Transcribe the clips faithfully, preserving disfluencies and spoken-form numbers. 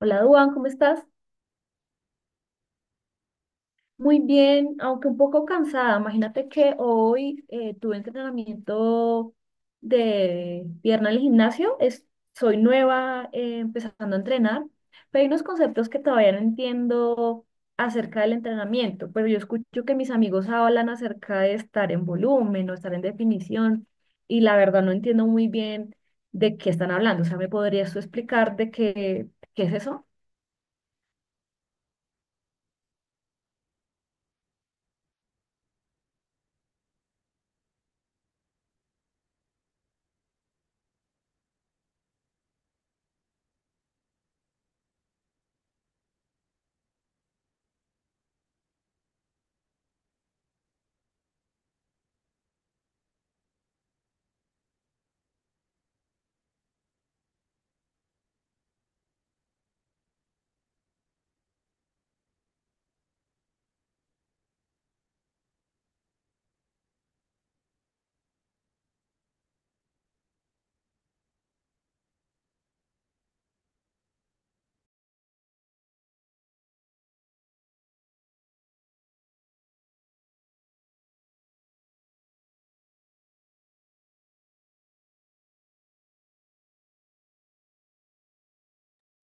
Hola, Duan, ¿cómo estás? Muy bien, aunque un poco cansada. Imagínate que hoy eh, tuve entrenamiento de pierna en el gimnasio. Es, soy nueva eh, empezando a entrenar, pero hay unos conceptos que todavía no entiendo acerca del entrenamiento. Pero yo escucho que mis amigos hablan acerca de estar en volumen o estar en definición, y la verdad no entiendo muy bien de qué están hablando. O sea, ¿me podrías tú explicar de qué, qué es eso?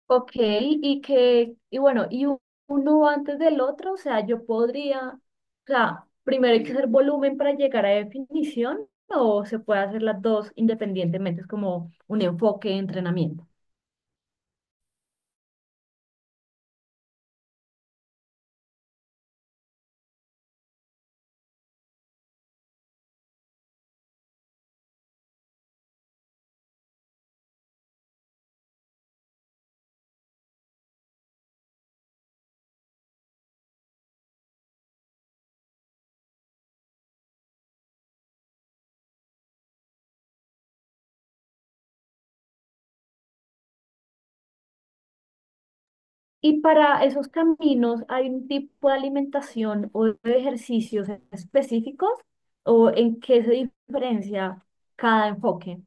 Ok, y que, y bueno, y u- uno antes del otro, o sea, yo podría, o sea, primero hay que hacer volumen para llegar a definición, o se puede hacer las dos independientemente, es como un enfoque de entrenamiento. Y para esos caminos, ¿hay un tipo de alimentación o de ejercicios específicos? ¿O en qué se diferencia cada enfoque?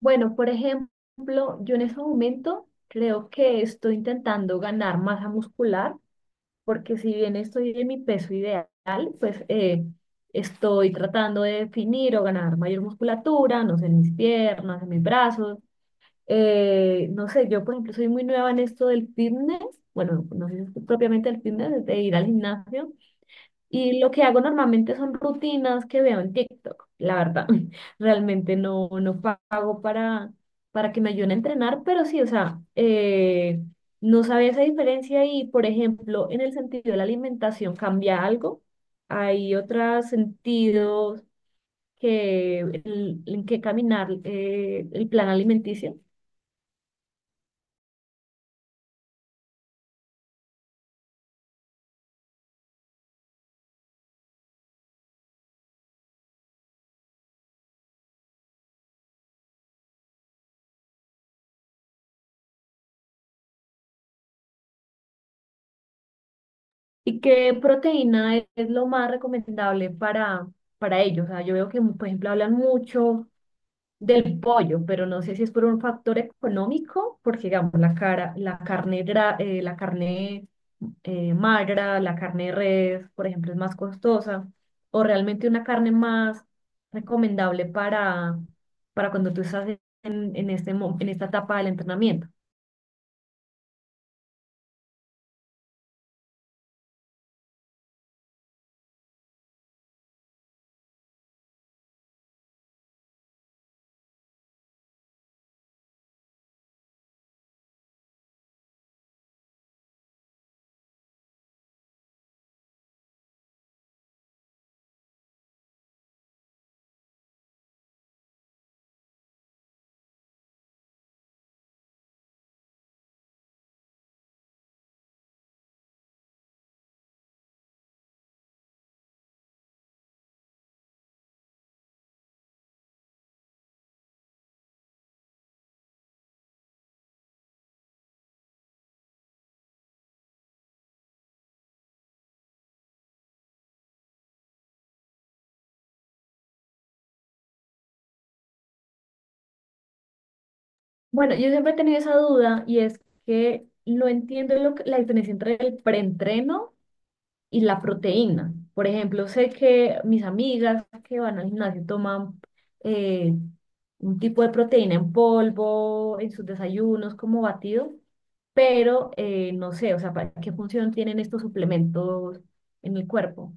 Bueno, por ejemplo, yo en ese momento creo que estoy intentando ganar masa muscular porque si bien estoy en mi peso ideal, pues eh, estoy tratando de definir o ganar mayor musculatura, no sé, en mis piernas, en mis brazos. Eh, no sé, yo por ejemplo soy muy nueva en esto del fitness, bueno, no sé si es propiamente el fitness, de ir al gimnasio, y lo que hago normalmente son rutinas que veo en TikTok, la verdad. Realmente no, no pago para, para que me ayuden a entrenar, pero sí, o sea, eh, no sabía esa diferencia y, por ejemplo, en el sentido de la alimentación cambia algo. Hay otros sentidos que, el- en que caminar eh, el plan alimenticio y qué proteína es, es lo más recomendable para, para ellos. O sea, yo veo que, por ejemplo, hablan mucho. Del pollo, pero no sé si es por un factor económico, porque digamos la cara, la carne gra- eh, la carne eh, magra, la carne de res, por ejemplo, es más costosa, o realmente una carne más recomendable para, para cuando tú estás en, en este, mo- en esta etapa del entrenamiento. Bueno, yo siempre he tenido esa duda y es que no entiendo lo que- la diferencia entre el preentreno y la proteína. Por ejemplo, sé que mis amigas que van al gimnasio toman eh, un tipo de proteína en polvo, en sus desayunos como batido, pero eh, no sé, o sea, ¿para qué función tienen estos suplementos en el cuerpo?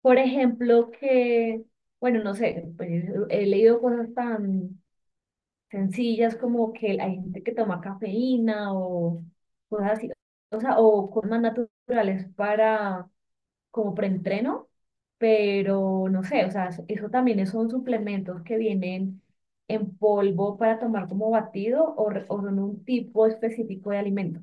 Por ejemplo, que, bueno, no sé, pues, he leído cosas tan sencillas como que hay gente que toma cafeína o cosas así, o sea, o cosas más naturales para como preentreno, pero no sé, o sea, eso también son suplementos que vienen en polvo para tomar como batido o, re- o en un tipo específico de alimento.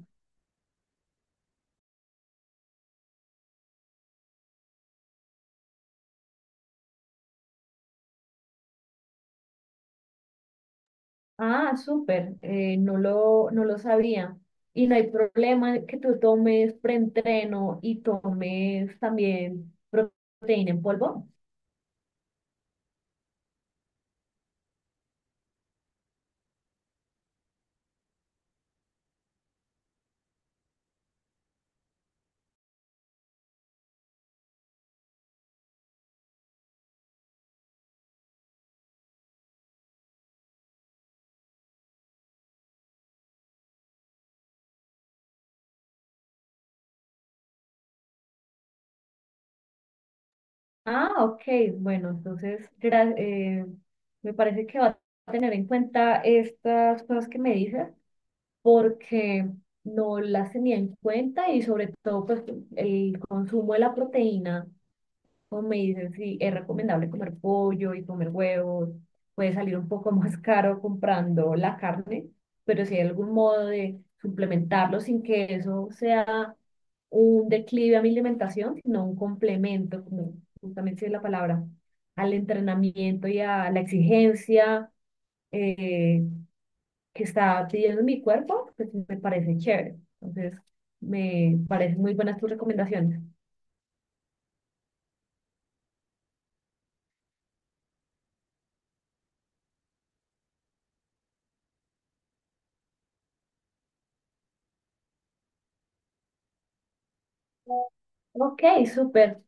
Ah, súper, eh, no lo, no lo sabía. Y no hay problema que tú tomes preentreno y tomes también proteína en polvo. Ah, ok, bueno, entonces gra- eh, me parece que va a tener en cuenta estas cosas que me dices porque no las tenía en cuenta y sobre todo pues el consumo de la proteína, como me dicen, sí, es recomendable comer pollo y comer huevos, puede salir un poco más caro comprando la carne, pero si hay algún modo de suplementarlo sin que eso sea un declive a mi alimentación, sino un complemento, como justamente es la palabra, al entrenamiento y a la exigencia. eh, que está pidiendo mi cuerpo, pues me parece chévere. Entonces, me parecen muy buenas tus recomendaciones. Ok, súper.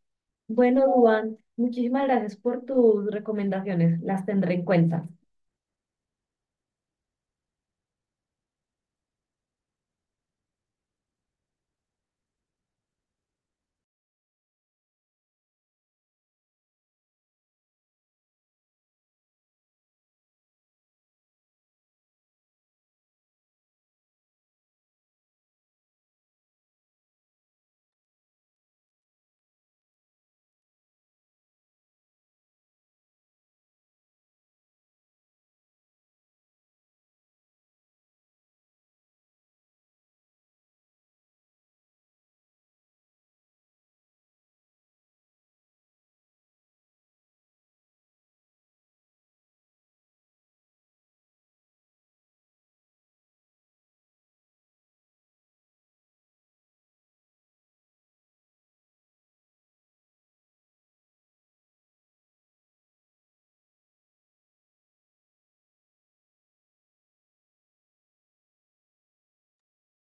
Bueno, Duan, muchísimas gracias por tus recomendaciones. Las tendré en cuenta.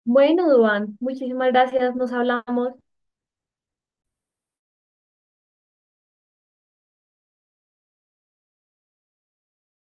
Bueno, Duan, muchísimas gracias. Nos hablamos.